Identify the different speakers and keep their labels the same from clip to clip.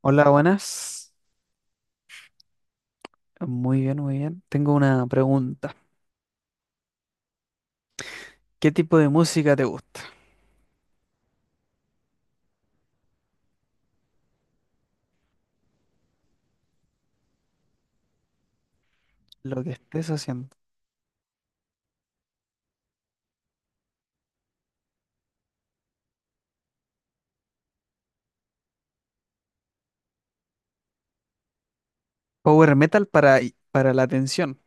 Speaker 1: Hola, buenas. Muy bien, muy bien. Tengo una pregunta. ¿Qué tipo de música te gusta? Lo que estés haciendo. Power metal para la atención.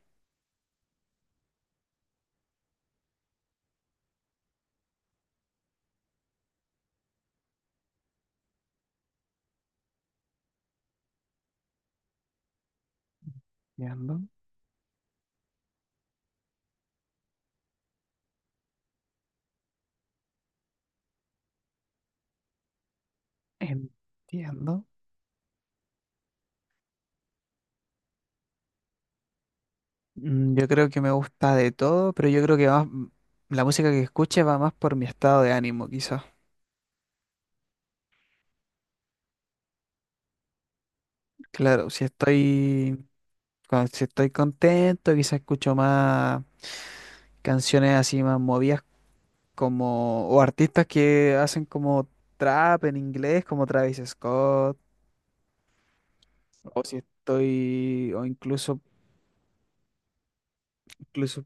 Speaker 1: Entiendo. Entiendo. Yo creo que me gusta de todo, pero yo creo que la música que escuche va más por mi estado de ánimo, quizás. Claro, si estoy, si estoy contento, quizás escucho más canciones así más movidas como, o artistas que hacen como trap en inglés, como Travis Scott, o si estoy, o incluso, incluso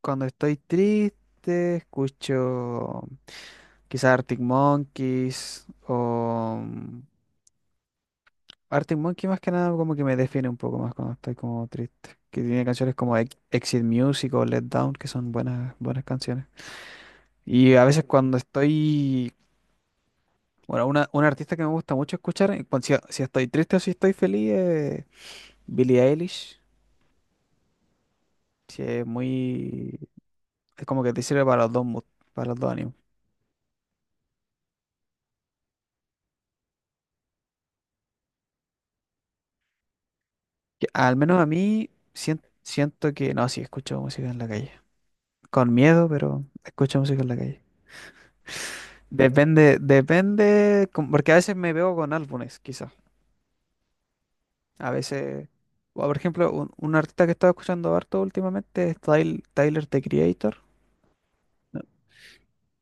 Speaker 1: cuando estoy triste, escucho quizás Arctic Monkeys, o Arctic Monkey más que nada como que me define un poco más cuando estoy como triste, que tiene canciones como Exit Music o Let Down, que son buenas, buenas canciones. Y a veces cuando estoy... Bueno, una artista que me gusta mucho escuchar, en si, si estoy triste o si estoy feliz, es Billie Eilish. Sí, es muy... Es como que te sirve para los dos moods, para los dos ánimos. Que al menos a mí siento que... No, sí, escucho música en la calle. Con miedo, pero escucho música en la calle. Depende, depende... Porque a veces me veo con álbumes, quizás. A veces... o, por ejemplo, un artista que estaba escuchando harto últimamente es Tyler, the Creator. No,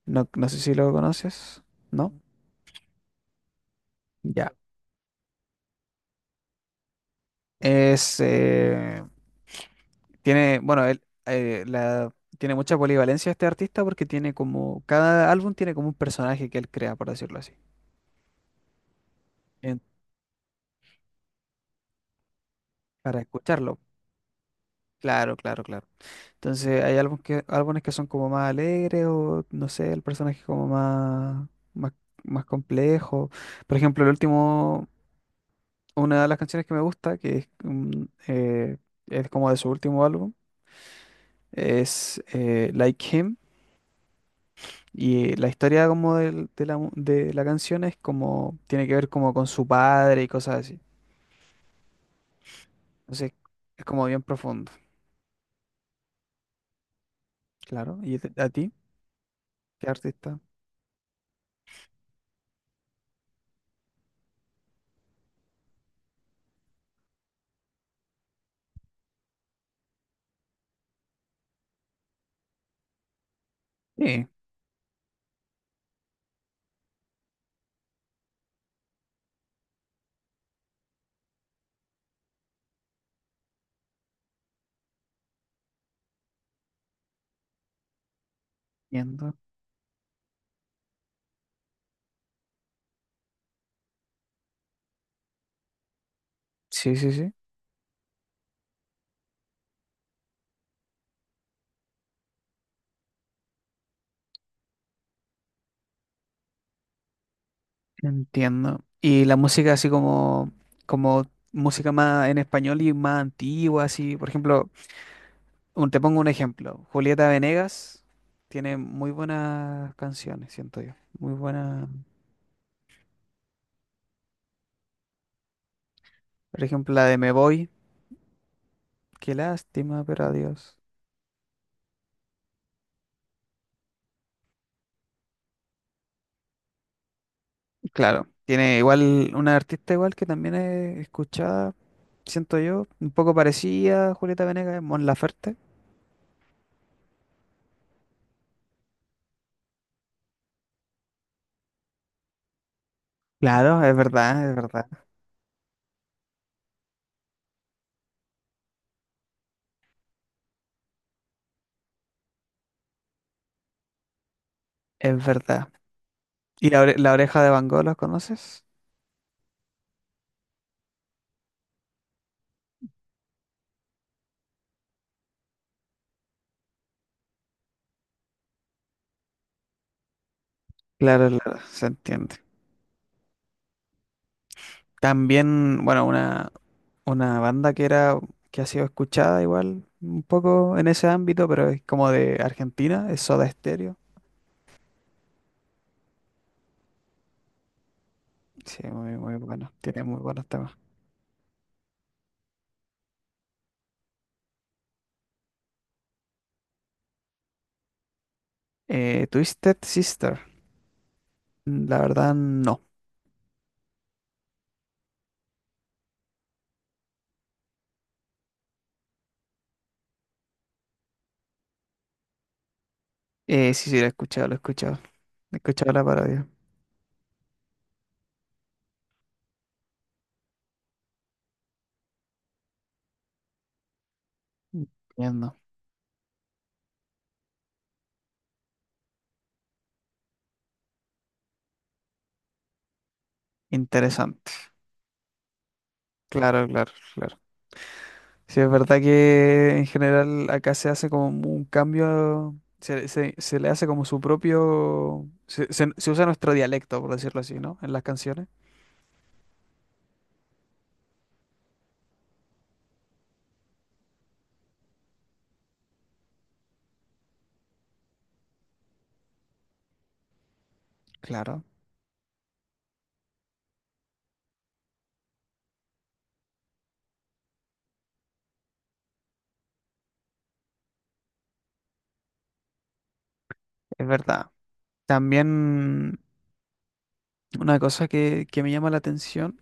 Speaker 1: no sé si lo conoces, ¿no? Ya. Es, tiene, bueno, tiene mucha polivalencia este artista porque tiene como, cada álbum tiene como un personaje que él crea, por decirlo así, en- para escucharlo. Claro, claro, claro. Entonces hay álbumes que son como más alegres o, no sé, el personaje como más, más, más complejo. Por ejemplo, el último, una de las canciones que me gusta, que es, es como de su último álbum, es Like Him. Y la historia como de la canción es como, tiene que ver como con su padre y cosas así. Entonces, es como bien profundo, claro. ¿Y a ti? ¿Qué artista? Sí, entiendo. Sí, sí, sí, entiendo. Y la música así como, como música más en español y más antigua, así. Por ejemplo, te pongo un ejemplo. Julieta Venegas tiene muy buenas canciones, siento yo. Muy buena. Por ejemplo, la de Me Voy. Qué lástima, pero adiós. Claro, tiene igual una artista igual que también es escuchada, siento yo, un poco parecida a Julieta Venegas, es Mon Laferte. Claro, es verdad, es verdad, es verdad. ¿Y la oreja de Van Gogh, la conoces? Claro, claro, se entiende. También, bueno, una banda que era, que ha sido escuchada igual, un poco en ese ámbito, pero es como de Argentina, es Soda Stereo. Sí, muy, muy bueno, tiene muy buenos temas. Twisted Sister, la verdad no. Sí, sí, lo he escuchado, lo he escuchado. He escuchado la parodia. Entiendo. Interesante. Claro, claro, claro. Sí, es verdad que en general acá se hace como un cambio, se, se le hace como su propio, se, se usa nuestro dialecto, por decirlo así, ¿no? En las canciones. Claro, es verdad. También una cosa que me llama la atención.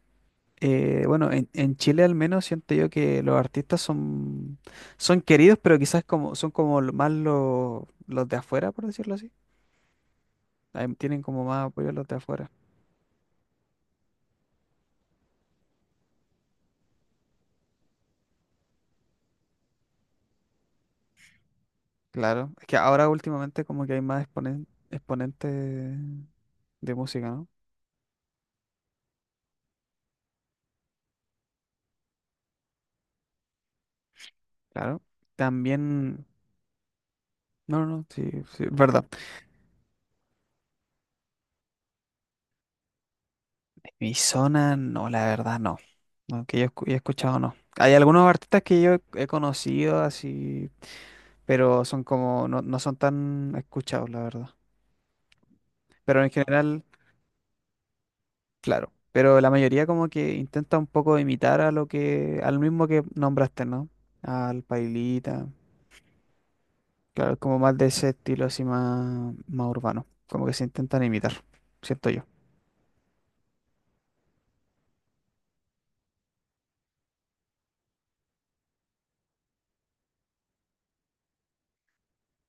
Speaker 1: Bueno, en Chile al menos siento yo que los artistas son, son queridos, pero quizás como, son como más los de afuera, por decirlo así. Ahí tienen como más apoyo los de afuera. Claro, es que ahora últimamente como que hay más exponentes de música, ¿no? Claro. También, no, no, sí, sí, es verdad. Mi zona, no, la verdad, no. No, que yo he escuchado, no. Hay algunos artistas que yo he conocido así, pero son como, no, no son tan escuchados, la verdad. Pero en general, claro. Pero la mayoría como que intenta un poco imitar a lo que, al mismo que nombraste, ¿no? Al Pailita. Claro, como más de ese estilo así más, más urbano. Como que se intentan imitar, ¿siento yo?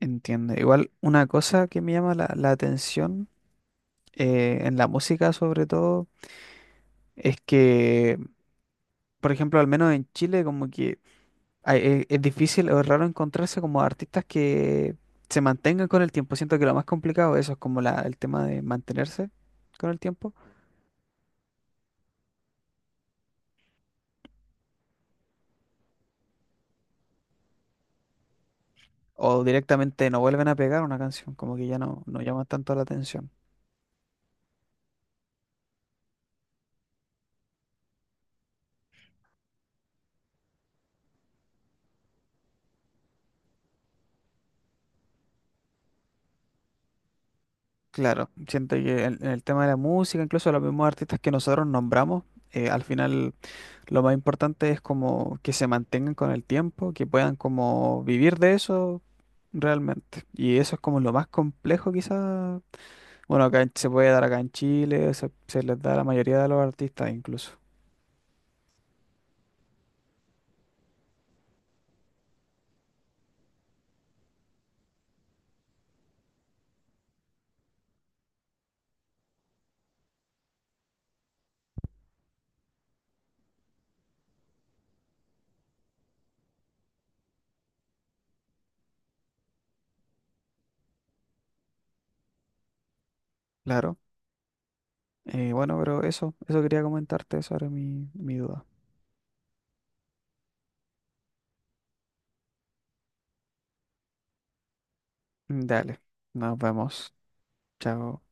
Speaker 1: Entiendo. Igual una cosa que me llama la, la atención en la música sobre todo es que, por ejemplo, al menos en Chile como que... es difícil o raro encontrarse como artistas que se mantengan con el tiempo. Siento que lo más complicado eso es como el tema de mantenerse con el tiempo. O directamente no vuelven a pegar una canción, como que ya no, no llama tanto la atención. Claro, siento que en el tema de la música, incluso los mismos artistas que nosotros nombramos, al final lo más importante es como que se mantengan con el tiempo, que puedan como vivir de eso realmente. Y eso es como lo más complejo quizás. Bueno, acá se puede dar acá en Chile, se- les da a la mayoría de los artistas incluso. Claro. Bueno, pero eso quería comentarte sobre mi, mi duda. Dale, nos vemos. Chao.